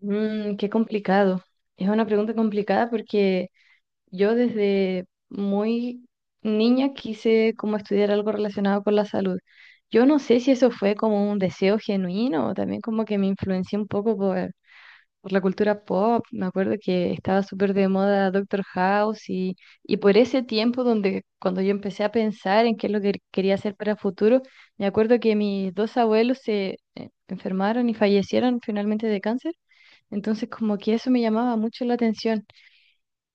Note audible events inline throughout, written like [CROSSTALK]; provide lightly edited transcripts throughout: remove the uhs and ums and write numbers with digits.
Qué complicado. Es una pregunta complicada porque yo desde muy niña quise como estudiar algo relacionado con la salud. Yo no sé si eso fue como un deseo genuino o también como que me influencié un poco por la cultura pop. Me acuerdo que estaba súper de moda Doctor House y por ese tiempo donde cuando yo empecé a pensar en qué es lo que quería hacer para el futuro, me acuerdo que mis dos abuelos se enfermaron y fallecieron finalmente de cáncer. Entonces, como que eso me llamaba mucho la atención.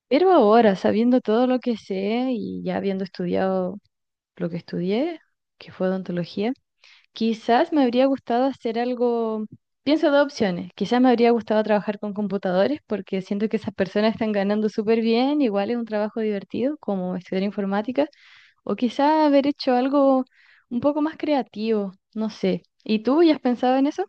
Pero ahora, sabiendo todo lo que sé y ya habiendo estudiado lo que estudié, que fue odontología, quizás me habría gustado hacer algo, pienso dos opciones, quizás me habría gustado trabajar con computadores porque siento que esas personas están ganando súper bien, igual es un trabajo divertido como estudiar informática, o quizás haber hecho algo un poco más creativo, no sé. ¿Y tú ya has pensado en eso?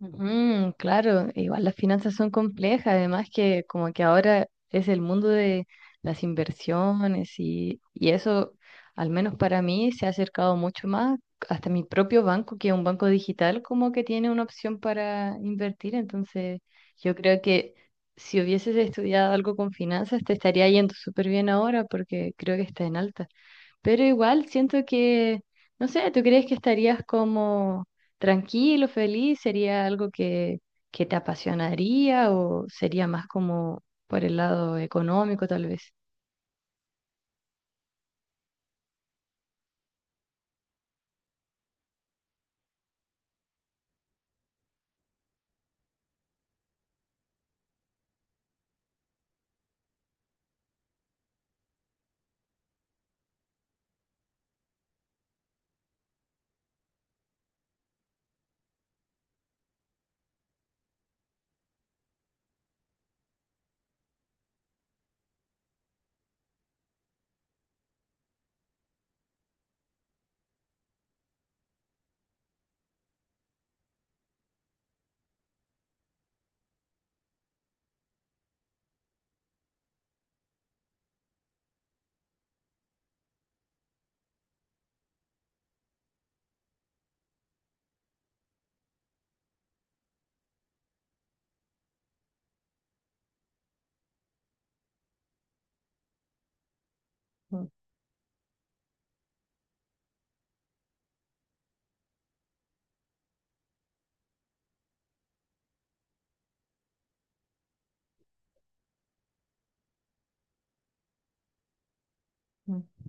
Ujú, claro, igual las finanzas son complejas, además que como que ahora es el mundo de las inversiones y eso, al menos para mí, se ha acercado mucho más hasta mi propio banco, que es un banco digital, como que tiene una opción para invertir. Entonces, yo creo que si hubieses estudiado algo con finanzas, te estaría yendo súper bien ahora porque creo que está en alta. Pero igual siento que, no sé, ¿tú crees que estarías como tranquilo, feliz? ¿Sería algo que te apasionaría o sería más como por el lado económico tal vez? Mm, mm.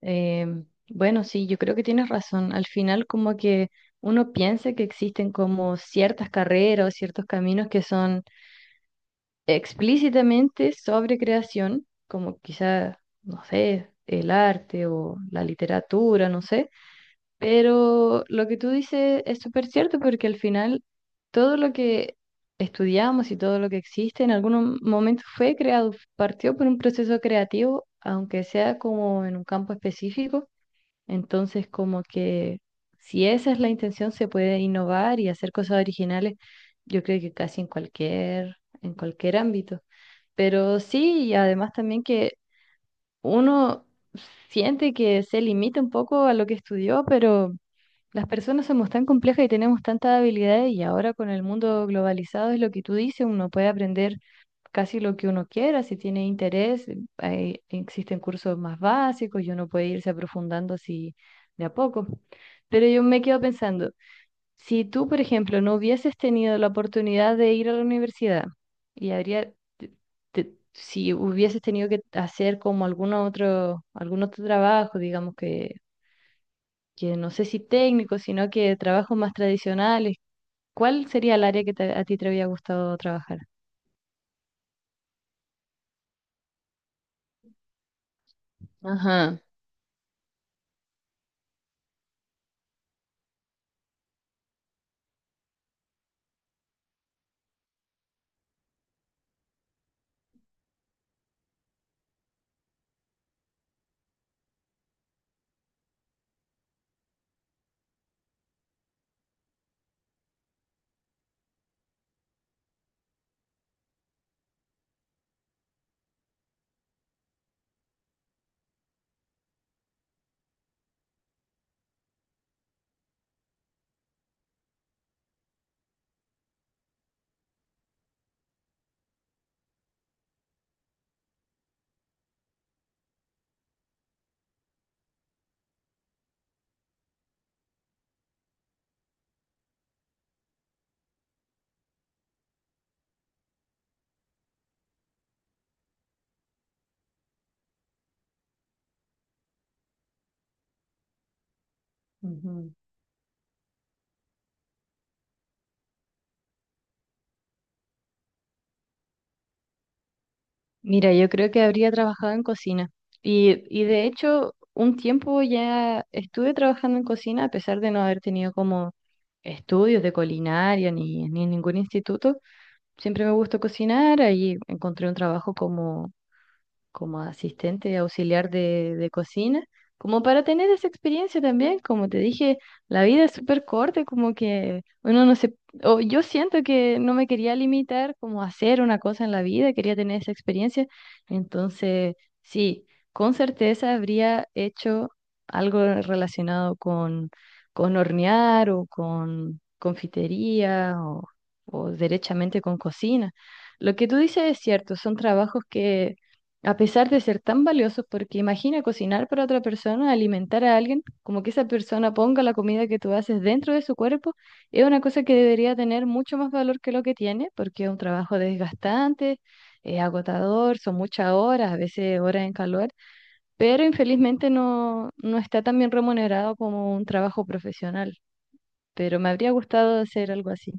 Bueno, sí, yo creo que tienes razón. Al final como que uno piensa que existen como ciertas carreras o ciertos caminos que son explícitamente sobre creación, como quizá, no sé, el arte o la literatura, no sé. Pero lo que tú dices es súper cierto porque al final todo lo que estudiamos y todo lo que existe en algún momento fue creado, partió por un proceso creativo, aunque sea como en un campo específico. Entonces, como que si esa es la intención, se puede innovar y hacer cosas originales, yo creo que casi en en cualquier ámbito. Pero sí, y además también que uno siente que se limita un poco a lo que estudió, pero las personas somos tan complejas y tenemos tantas habilidades y ahora con el mundo globalizado es lo que tú dices, uno puede aprender casi lo que uno quiera, si tiene interés, existen cursos más básicos y uno puede irse aprofundando así de a poco. Pero yo me quedo pensando, si tú, por ejemplo, no hubieses tenido la oportunidad de ir a la universidad y te- si hubieses tenido que hacer como algún otro trabajo, digamos que no sé si técnico sino que trabajos más tradicionales. ¿Cuál sería el área que a ti te había gustado trabajar? Ajá. Ujú. Mira, yo creo que habría trabajado en cocina. Y de hecho, un tiempo ya estuve trabajando en cocina, a pesar de no haber tenido como estudios de culinaria ni en ningún instituto. Siempre me gustó cocinar, ahí encontré un trabajo como asistente auxiliar de cocina, como para tener esa experiencia también, como te dije, la vida es súper corta, como que uno no se, o yo siento que no me quería limitar como a hacer una cosa en la vida, quería tener esa experiencia, entonces sí, con certeza habría hecho algo relacionado con hornear o con confitería o derechamente con cocina. Lo que tú dices es cierto, son trabajos que a pesar de ser tan valiosos, porque imagina cocinar para otra persona, alimentar a alguien, como que esa persona ponga la comida que tú haces dentro de su cuerpo, es una cosa que debería tener mucho más valor que lo que tiene, porque es un trabajo desgastante, es agotador, son muchas horas, a veces horas en calor, pero infelizmente no está tan bien remunerado como un trabajo profesional, pero me habría gustado hacer algo así.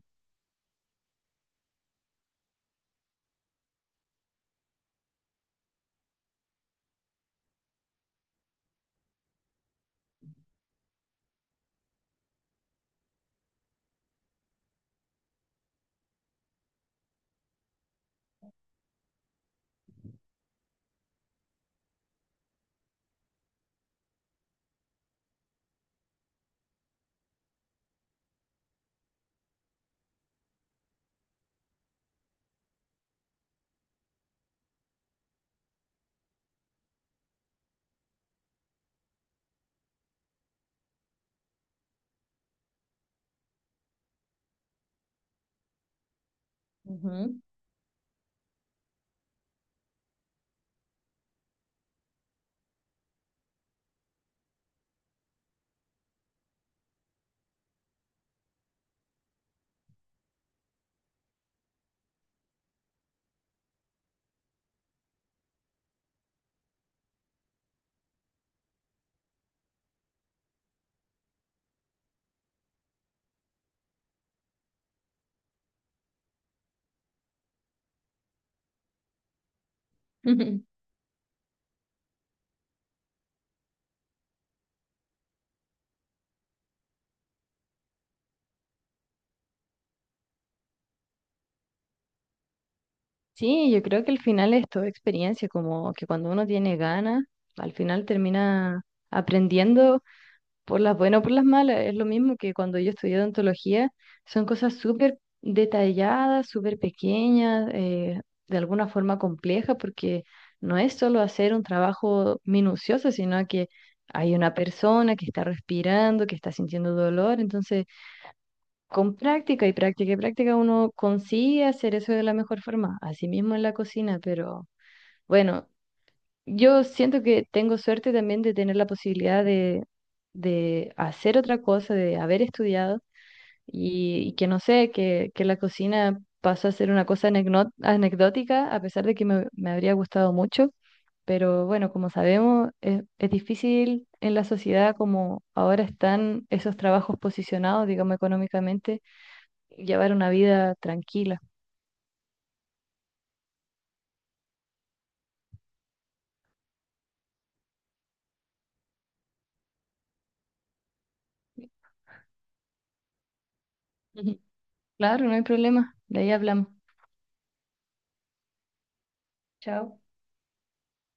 Ujú. [LAUGHS] Sí, yo creo que al final es toda experiencia, como que cuando uno tiene ganas, al final termina aprendiendo por las buenas o por las malas. Es lo mismo que cuando yo estudié odontología, son cosas súper detalladas, súper pequeñas, de alguna forma complejas, porque no es solo hacer un trabajo minucioso, sino que hay una persona que está respirando, que está sintiendo dolor, entonces con práctica y práctica y práctica uno consigue hacer eso de la mejor forma, así mismo en la cocina, pero bueno, yo siento que tengo suerte también de tener la posibilidad de hacer otra cosa, de haber estudiado y que no sé, que la cocina pasó a ser una cosa anecdótica, a pesar de que me habría gustado mucho, pero bueno, como sabemos, es difícil en la sociedad como ahora están esos trabajos posicionados, digamos, económicamente llevar una vida tranquila. Ujú. Claro, no hay problema. De ahí hablamos. Chao.